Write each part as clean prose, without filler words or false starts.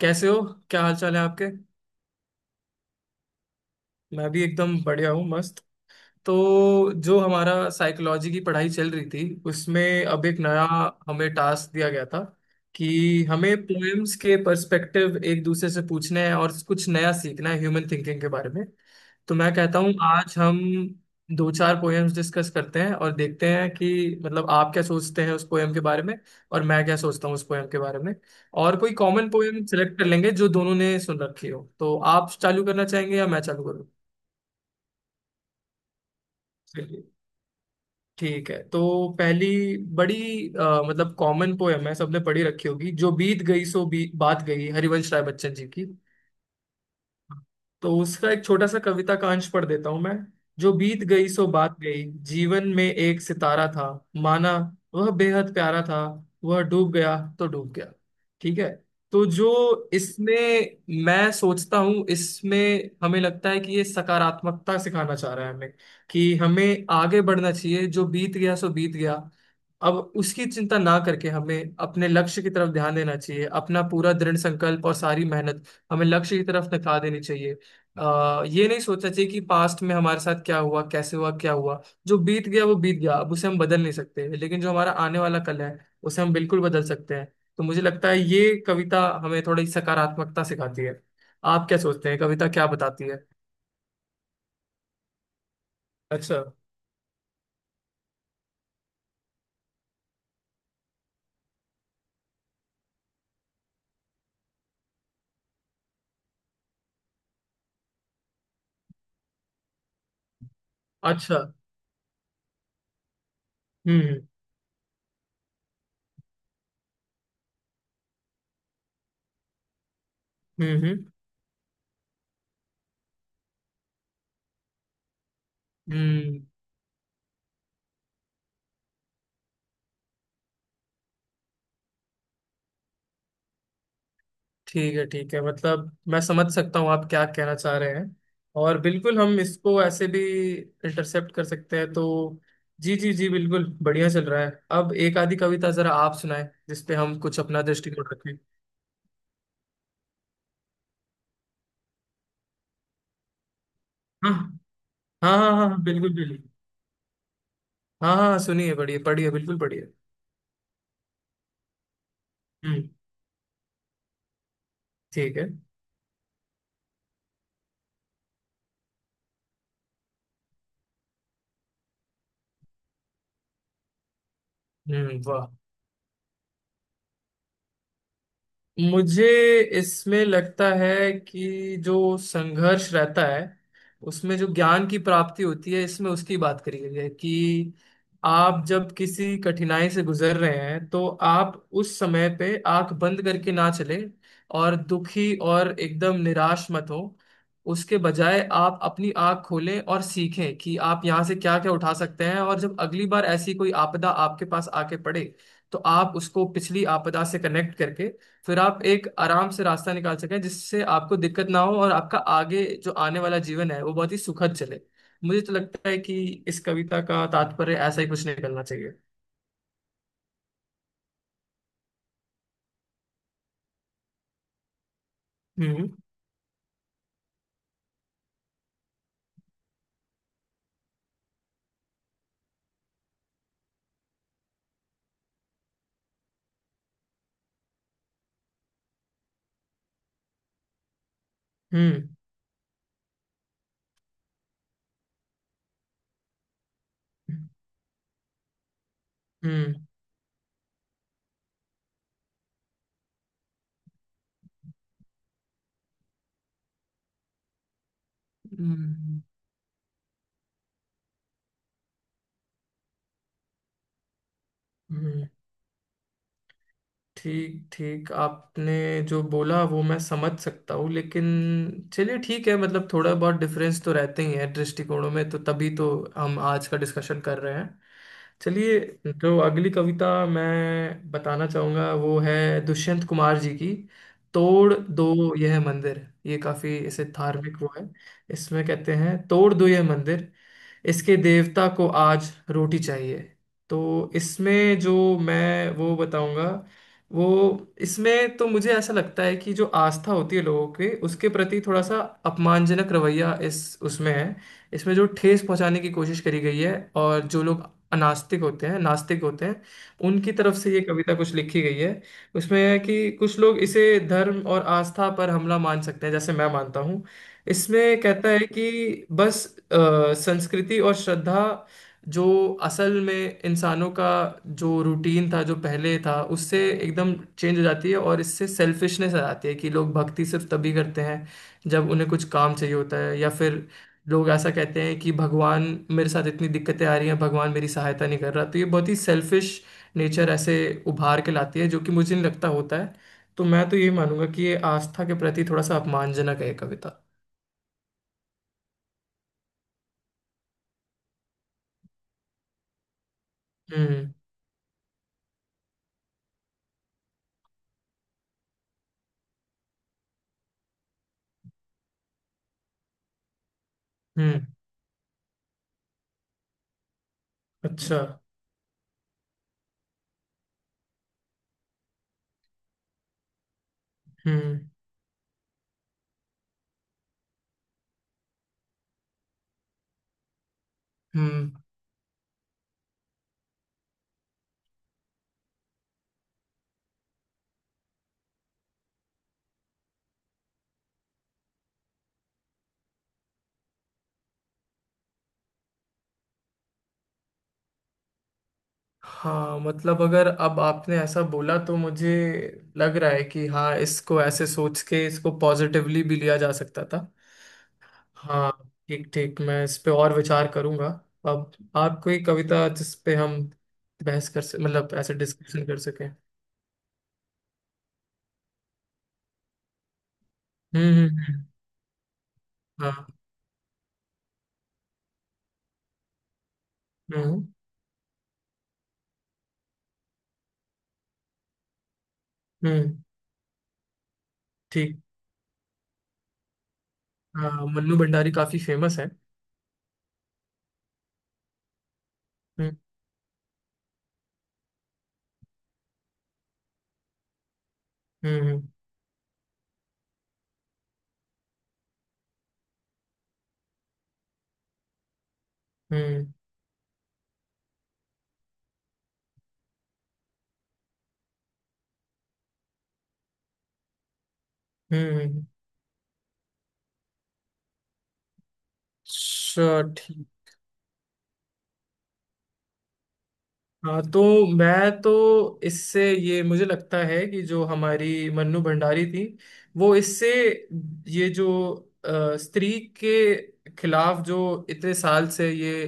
कैसे हो। क्या हाल चाल है आपके। मैं भी एकदम बढ़िया हूँ, मस्त। तो जो हमारा साइकोलॉजी की पढ़ाई चल रही थी, उसमें अब एक नया हमें टास्क दिया गया था कि हमें पोएम्स के पर्सपेक्टिव एक दूसरे से पूछने हैं और कुछ नया सीखना है ह्यूमन थिंकिंग के बारे में। तो मैं कहता हूँ आज हम दो चार पोएम्स डिस्कस करते हैं और देखते हैं कि मतलब आप क्या सोचते हैं उस पोएम के बारे में और मैं क्या सोचता हूँ उस पोएम के बारे में। और कोई कॉमन पोएम सेलेक्ट कर लेंगे जो दोनों ने सुन रखी हो। तो आप चालू करना चाहेंगे या मैं चालू करूँ। ठीक है, तो पहली बड़ी मतलब कॉमन पोयम है सबने पढ़ी रखी होगी, जो बीत गई सो बात गई, हरिवंश राय बच्चन जी की। तो उसका एक छोटा सा कविता का अंश पढ़ देता हूं मैं। जो बीत गई सो बात गई। जीवन में एक सितारा था, माना वह बेहद प्यारा था, वह डूब गया तो डूब गया। ठीक है। तो जो इसमें, मैं सोचता हूँ इसमें हमें लगता है कि ये सकारात्मकता सिखाना चाह रहा है हमें कि हमें आगे बढ़ना चाहिए। जो बीत गया सो बीत गया, अब उसकी चिंता ना करके हमें अपने लक्ष्य की तरफ ध्यान देना चाहिए। अपना पूरा दृढ़ संकल्प और सारी मेहनत हमें लक्ष्य की तरफ नका देनी चाहिए। ये नहीं सोचना चाहिए कि पास्ट में हमारे साथ क्या हुआ, कैसे हुआ, क्या हुआ। जो बीत गया वो बीत गया, अब उसे हम बदल नहीं सकते, लेकिन जो हमारा आने वाला कल है उसे हम बिल्कुल बदल सकते हैं। तो मुझे लगता है ये कविता हमें थोड़ी सकारात्मकता सिखाती है। आप क्या सोचते हैं, कविता क्या बताती है। अच्छा। अच्छा। हम्म हम्म हम्म हम्म ठीक है, ठीक है, मतलब मैं समझ सकता हूँ आप क्या कहना चाह रहे हैं। और बिल्कुल हम इसको ऐसे भी इंटरसेप्ट कर सकते हैं। तो जी जी जी, बिल्कुल बढ़िया चल रहा है। अब एक आधी कविता जरा आप सुनाएं, जिसपे हम कुछ अपना दृष्टिकोण रखें। हाँ हाँ हाँ हाँ हाँ, बिल्कुल बिल्कुल। हाँ हाँ, सुनिए, पढ़िए पढ़िए, बिल्कुल पढ़िए। हम्म। ठीक है। हम्म, वाह। मुझे इसमें लगता है कि जो संघर्ष रहता है उसमें जो ज्ञान की प्राप्ति होती है, इसमें उसकी बात करी गई है कि आप जब किसी कठिनाई से गुजर रहे हैं तो आप उस समय पे आंख बंद करके ना चले और दुखी और एकदम निराश मत हो। उसके बजाय आप अपनी आंख खोलें और सीखें कि आप यहाँ से क्या क्या उठा सकते हैं, और जब अगली बार ऐसी कोई आपदा आपके पास आके पड़े तो आप उसको पिछली आपदा से कनेक्ट करके फिर आप एक आराम से रास्ता निकाल सकें, जिससे आपको दिक्कत ना हो और आपका आगे जो आने वाला जीवन है वो बहुत ही सुखद चले। मुझे तो लगता है कि इस कविता का तात्पर्य ऐसा ही कुछ निकलना चाहिए। हम्म हम्म हम्म हम्म हम्म, हम्म। ठीक ठीक, आपने जो बोला वो मैं समझ सकता हूँ, लेकिन चलिए ठीक है, मतलब थोड़ा बहुत डिफरेंस तो रहते ही है दृष्टिकोणों में, तो तभी तो हम आज का डिस्कशन कर रहे हैं। चलिए, जो अगली कविता मैं बताना चाहूँगा वो है दुष्यंत कुमार जी की। तोड़ दो यह मंदिर, ये काफी इसे धार्मिक वो है। इसमें कहते हैं तोड़ दो यह मंदिर, इसके देवता को आज रोटी चाहिए। तो इसमें जो मैं वो बताऊंगा वो, इसमें तो मुझे ऐसा लगता है कि जो आस्था होती है लोगों के उसके प्रति थोड़ा सा अपमानजनक रवैया इस उसमें है। इसमें जो ठेस पहुंचाने की कोशिश करी गई है, और जो लोग अनास्तिक होते हैं, नास्तिक होते हैं, उनकी तरफ से ये कविता कुछ लिखी गई है। उसमें है कि कुछ लोग इसे धर्म और आस्था पर हमला मान सकते हैं, जैसे मैं मानता हूँ। इसमें कहता है कि बस अ, संस्कृति और श्रद्धा जो असल में इंसानों का जो रूटीन था, जो पहले था, उससे एकदम चेंज हो जाती है और इससे सेल्फिशनेस आ जाती है कि लोग भक्ति सिर्फ तभी करते हैं जब उन्हें कुछ काम चाहिए होता है, या फिर लोग ऐसा कहते हैं कि भगवान मेरे साथ इतनी दिक्कतें आ रही हैं, भगवान मेरी सहायता नहीं कर रहा। तो ये बहुत ही सेल्फिश नेचर ऐसे उभार के लाती है, जो कि मुझे नहीं लगता होता है। तो मैं तो ये मानूंगा कि ये आस्था के प्रति थोड़ा सा अपमानजनक है ये कविता। हम्म हम्म। अच्छा। हम्म हम्म हाँ मतलब, अगर अब आपने ऐसा बोला तो मुझे लग रहा है कि हाँ, इसको ऐसे सोच के इसको पॉजिटिवली भी लिया जा सकता था। हाँ, ठीक ठीक, मैं इस पे और विचार करूंगा। अब आप कोई कविता जिस पे हम बहस कर सक, मतलब ऐसे डिस्कशन कर सकें। हम्म हम्म हम्म, हाँ। हम्म हम्म ठीक। हाँ, मन्नू भंडारी काफी फेमस है। हम्म हम्म हम्म हम्म हम्म, हम्म, अच्छा, ठीक। हाँ तो मैं तो इससे, ये मुझे लगता है कि जो हमारी मन्नू भंडारी थी वो इससे ये जो अ, स्त्री के खिलाफ जो इतने साल से ये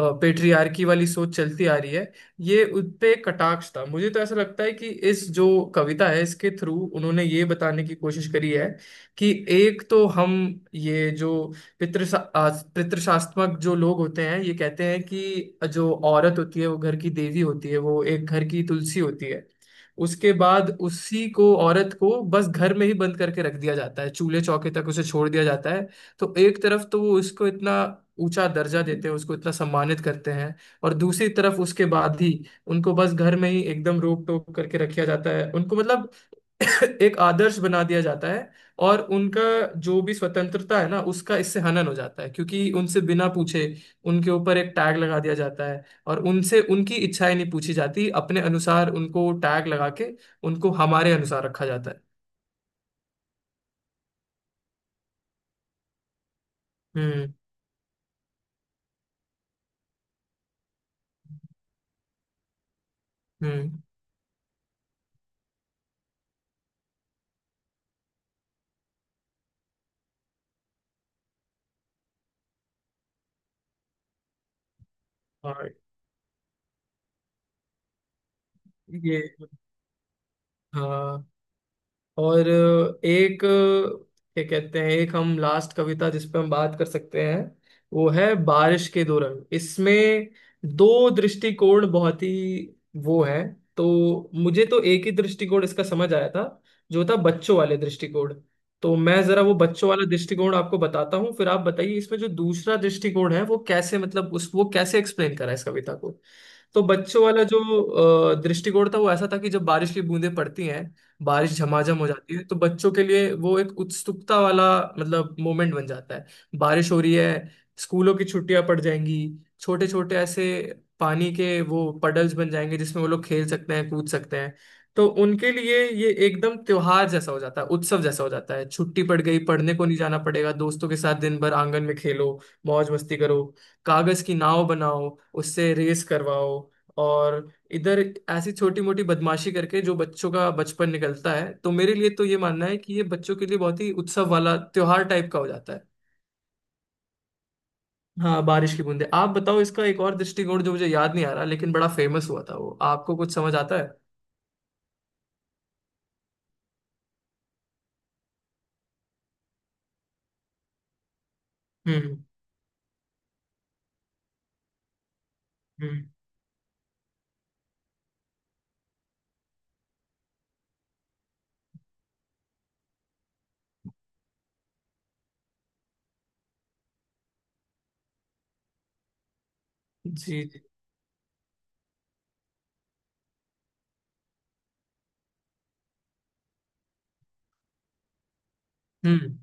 पेट्रियार्की वाली सोच चलती आ रही है, ये उन पे एक कटाक्ष था। मुझे तो ऐसा लगता है कि इस जो कविता है, इसके थ्रू उन्होंने ये बताने की कोशिश करी है कि एक तो हम ये जो पितृशा आ, पितृशास्त्मक जो लोग होते हैं, ये कहते हैं कि जो औरत होती है वो घर की देवी होती है, वो एक घर की तुलसी होती है। उसके बाद उसी को, औरत को बस घर में ही बंद करके रख दिया जाता है, चूल्हे चौके तक उसे छोड़ दिया जाता है। तो एक तरफ तो वो उसको इतना ऊंचा दर्जा देते हैं, उसको इतना सम्मानित करते हैं, और दूसरी तरफ उसके बाद ही उनको बस घर में ही एकदम रोक टोक करके रखा जाता है। उनको मतलब एक आदर्श बना दिया जाता है और उनका जो भी स्वतंत्रता है ना उसका इससे हनन हो जाता है, क्योंकि उनसे बिना पूछे उनके ऊपर एक टैग लगा दिया जाता है और उनसे उनकी इच्छाएं नहीं पूछी जाती, अपने अनुसार उनको टैग लगा के उनको हमारे अनुसार रखा जाता है। हम्म। हम्म और ये, हाँ। और एक क्या कहते हैं, एक हम लास्ट कविता जिस पे हम बात कर सकते हैं वो है बारिश के दो रंग। इसमें दो दृष्टिकोण बहुत ही वो है। तो मुझे तो एक ही दृष्टिकोण इसका समझ आया था, जो था बच्चों वाले दृष्टिकोण। तो मैं जरा वो बच्चों वाला दृष्टिकोण आपको बताता हूँ, फिर आप बताइए इसमें जो दूसरा दृष्टिकोण है वो कैसे, मतलब उस वो कैसे एक्सप्लेन करा है इस कविता को। तो बच्चों वाला जो दृष्टिकोण था वो ऐसा था कि जब बारिश की बूंदें पड़ती हैं, बारिश झमाझम हो जाती है, तो बच्चों के लिए वो एक उत्सुकता वाला मतलब मोमेंट बन जाता है। बारिश हो रही है, स्कूलों की छुट्टियां पड़ जाएंगी, छोटे छोटे ऐसे पानी के वो पडल्स बन जाएंगे जिसमें वो लोग खेल सकते हैं, कूद सकते हैं। तो उनके लिए ये एकदम त्योहार जैसा हो जाता है, उत्सव जैसा हो जाता है। छुट्टी पड़ गई, पढ़ने को नहीं जाना पड़ेगा, दोस्तों के साथ दिन भर आंगन में खेलो, मौज मस्ती करो, कागज की नाव बनाओ, उससे रेस करवाओ, और इधर ऐसी छोटी मोटी बदमाशी करके जो बच्चों का बचपन निकलता है। तो मेरे लिए तो ये मानना है कि ये बच्चों के लिए बहुत ही उत्सव वाला त्योहार टाइप का हो जाता है। हाँ बारिश की बूंदें, आप बताओ इसका एक और दृष्टिकोण जो मुझे याद नहीं आ रहा लेकिन बड़ा फेमस हुआ था, वो आपको कुछ समझ आता है। हम्म हम्म जी जी। हम्म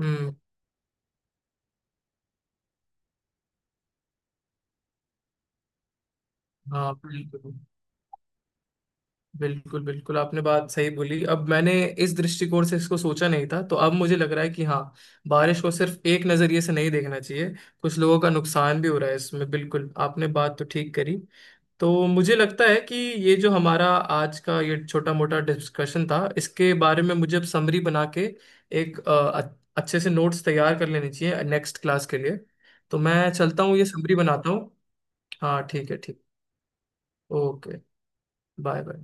हम्म हाँ बिल्कुल। बिल्कुल बिल्कुल, आपने बात सही बोली। अब मैंने इस दृष्टिकोण से इसको सोचा नहीं था, तो अब मुझे लग रहा है कि हाँ, बारिश को सिर्फ एक नजरिए से नहीं देखना चाहिए, कुछ लोगों का नुकसान भी हो रहा है इसमें। बिल्कुल आपने बात तो ठीक करी। तो मुझे लगता है कि ये जो हमारा आज का ये छोटा मोटा डिस्कशन था, इसके बारे में मुझे अब समरी बना के एक अच्छे से नोट्स तैयार कर लेने चाहिए नेक्स्ट क्लास के लिए। तो मैं चलता हूँ, ये समरी बनाता हूँ। हाँ ठीक है, ठीक। Okay, bye bye.